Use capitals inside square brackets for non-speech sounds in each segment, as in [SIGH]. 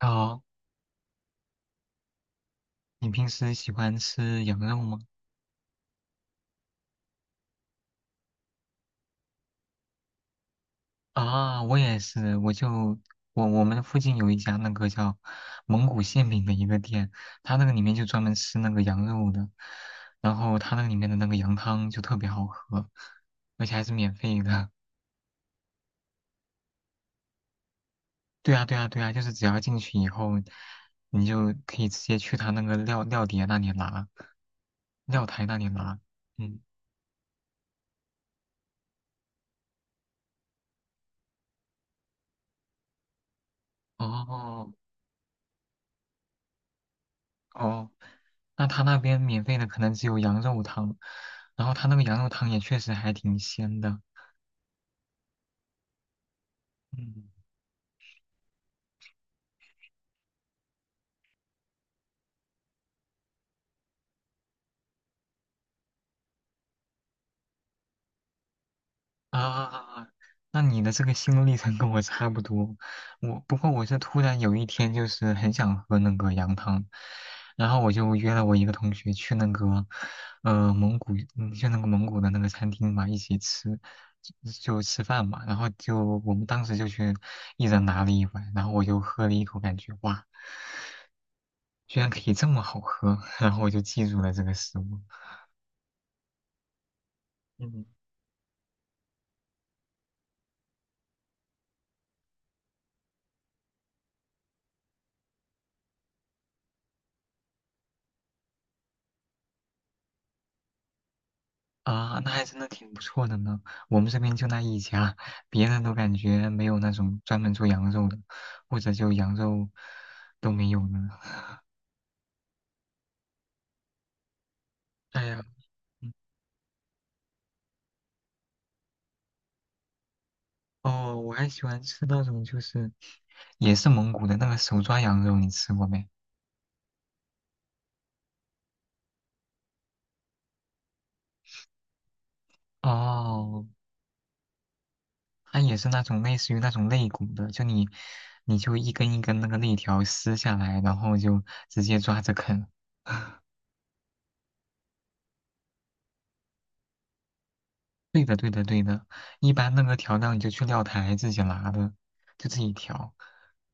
哦，你平时喜欢吃羊肉吗？啊，我也是，我就我们附近有一家那个叫蒙古馅饼的一个店，它那个里面就专门吃那个羊肉的，然后它那个里面的那个羊汤就特别好喝，而且还是免费的。[LAUGHS] 对啊，对啊，对啊，就是只要进去以后，你就可以直接去他那个料碟那里拿，料台那里拿。嗯，哦，哦，那他那边免费的可能只有羊肉汤，然后他那个羊肉汤也确实还挺鲜的。嗯，啊，那你的这个心路历程跟我差不多，不过我是突然有一天就是很想喝那个羊汤，然后我就约了我一个同学去那个，蒙古，嗯，去那个蒙古的那个餐厅嘛，一起吃，就就吃饭嘛，然后就我们当时就去一人拿了一碗，然后我就喝了一口，感觉哇。居然可以这么好喝，[LAUGHS] 然后我就记住了这个食物。嗯，啊，那还真的挺不错的呢。我们这边就那一家，别人都感觉没有那种专门做羊肉的，或者就羊肉都没有呢。哎呀，嗯，哦，我还喜欢吃那种就是也是蒙古的那个手抓羊肉，你吃过没？哦，它也是那种类似于那种肋骨的，就你就一根一根那个肋条撕下来，然后就直接抓着啃。[LAUGHS] 对的，对的，对的。一般那个调料你就去料台自己拿的，就自己调。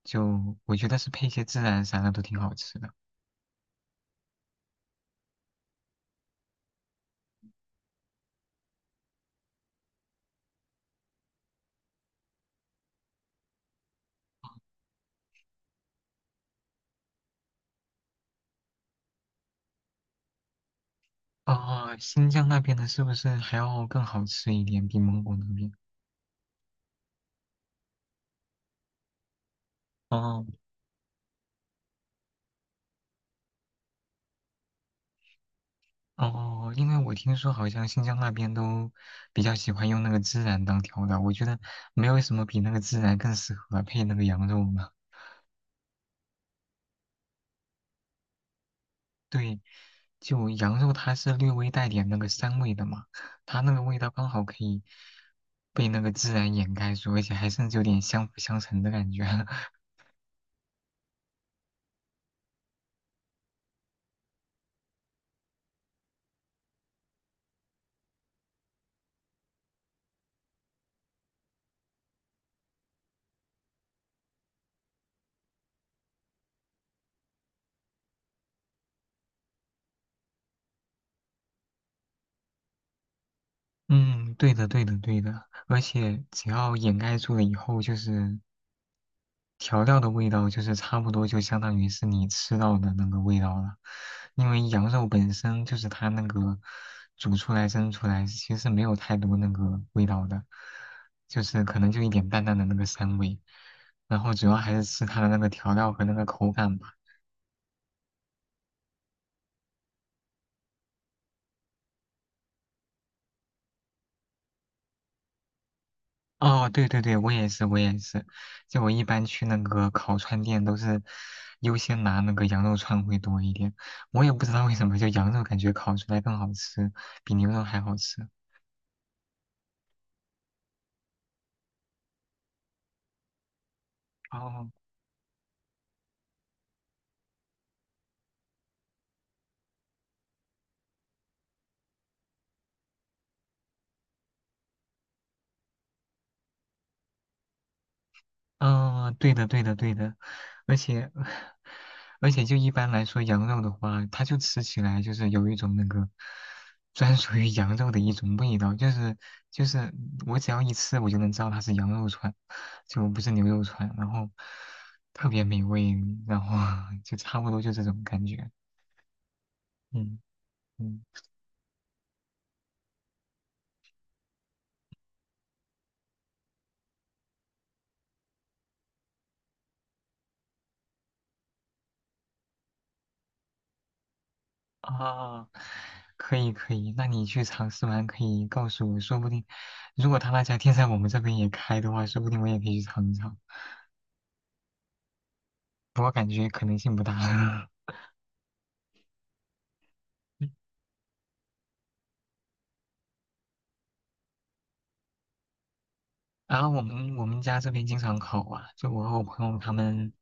就我觉得是配一些孜然啥的都挺好吃的。哦，新疆那边的是不是还要更好吃一点，比蒙古那边？哦哦，因为我听说好像新疆那边都比较喜欢用那个孜然当调料，我觉得没有什么比那个孜然更适合配那个羊肉了。对，就羊肉它是略微带点那个膻味的嘛，它那个味道刚好可以被那个孜然掩盖住，而且还甚至有点相辅相成的感觉。[LAUGHS] 嗯，对的，对的，对的。而且只要掩盖住了以后，就是调料的味道就是差不多就相当于是你吃到的那个味道了，因为羊肉本身就是它那个煮出来蒸出来其实没有太多那个味道的，就是可能就一点淡淡的那个膻味，然后主要还是吃它的那个调料和那个口感吧。哦，对对对，我也是，我也是，就我一般去那个烤串店都是优先拿那个羊肉串会多一点，我也不知道为什么，就羊肉感觉烤出来更好吃，比牛肉还好吃。哦，嗯，对的，对的，对的，而且，[LAUGHS] 而且就一般来说，羊肉的话，它就吃起来就是有一种那个专属于羊肉的一种味道，就是我只要一吃，我就能知道它是羊肉串，就不是牛肉串，然后特别美味，然后 [LAUGHS] 就差不多就这种感觉，嗯。嗯，啊，可以可以，那你去尝试完可以告诉我，说不定如果他那家店在我们这边也开的话，说不定我也可以去尝一尝。不过感觉可能性不大。[LAUGHS] 嗯，然后我们家这边经常烤啊，就我和我朋友他们，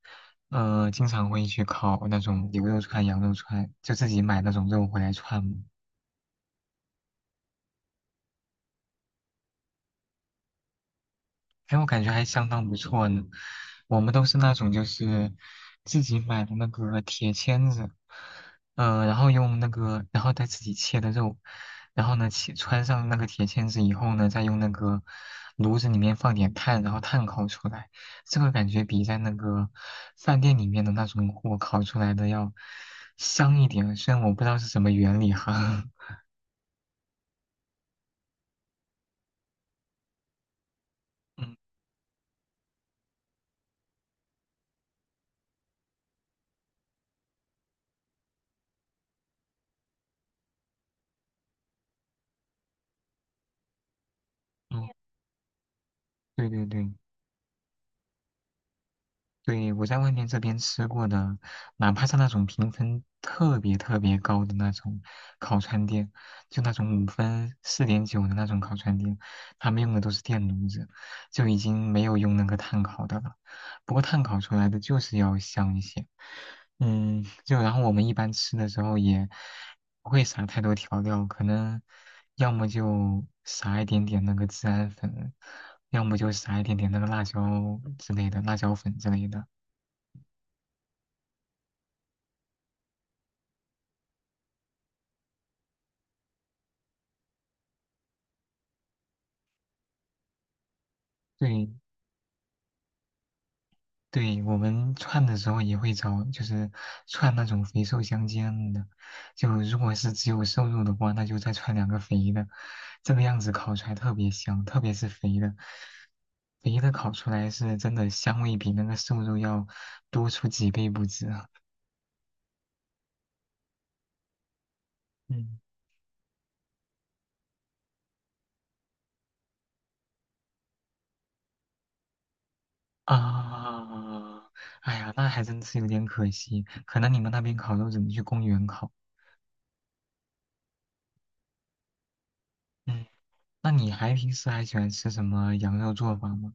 经常会去烤那种牛肉串、羊肉串，就自己买那种肉回来串。哎，我感觉还相当不错呢。我们都是那种就是自己买的那个铁签子，然后用那个，然后再自己切的肉，然后呢，切穿上那个铁签子以后呢，再用那个炉子里面放点炭，然后炭烤出来，这个感觉比在那个饭店里面的那种火烤出来的要香一点。虽然我不知道是什么原理哈。[LAUGHS] 嗯，嗯，对对对。对，我在外面这边吃过的，哪怕是那种评分特别特别高的那种烤串店，就那种五分、四点九的那种烤串店，他们用的都是电炉子，就已经没有用那个炭烤的了。不过炭烤出来的就是要香一些。嗯，就然后我们一般吃的时候也不会撒太多调料，可能要么就撒一点点那个孜然粉，要么就撒一点点那个辣椒之类的，辣椒粉之类的。对，对，我们串的时候也会找，就是串那种肥瘦相间的。就如果是只有瘦肉的话，那就再串两个肥的，这个样子烤出来特别香，特别是肥的，肥的烤出来是真的香味比那个瘦肉要多出几倍不止啊。嗯。啊，哎呀，那还真是有点可惜。可能你们那边烤肉只能去公园烤。嗯，那你还平时还喜欢吃什么羊肉做法吗？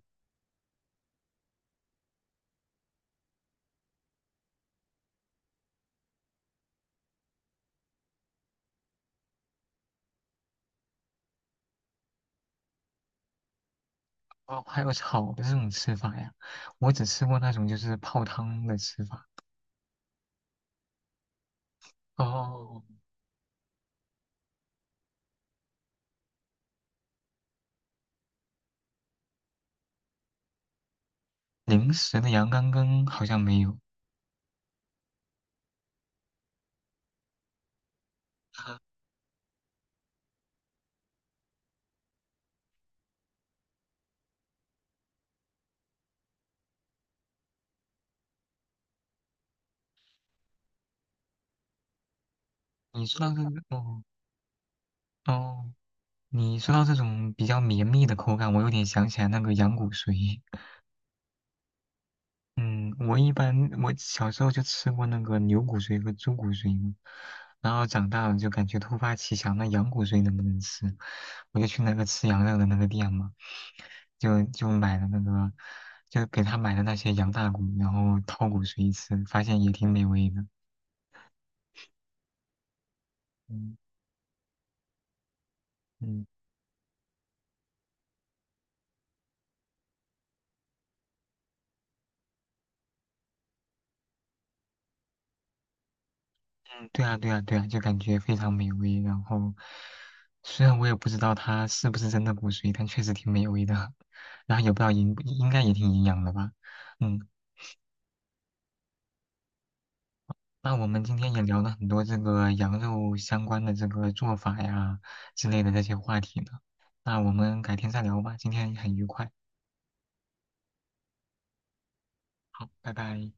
哦，还有炒的这种吃法呀？我只吃过那种就是泡汤的吃法。哦，零食的羊肝羹好像没有。啊，你说到这个，哦，哦，你说到这种比较绵密的口感，我有点想起来那个羊骨髓。嗯，我一般我小时候就吃过那个牛骨髓和猪骨髓嘛，然后长大了就感觉突发奇想，那羊骨髓能不能吃？我就去那个吃羊肉的那个店嘛，就买了那个，就给他买了那些羊大骨，然后掏骨髓吃，发现也挺美味的。嗯，嗯，嗯，对啊对啊对啊，就感觉非常美味。然后虽然我也不知道它是不是真的骨髓，但确实挺美味的，[LAUGHS] 然后也不知道应该也挺营养的吧。嗯。那我们今天也聊了很多这个羊肉相关的这个做法呀之类的这些话题呢，那我们改天再聊吧，今天很愉快，好，拜拜。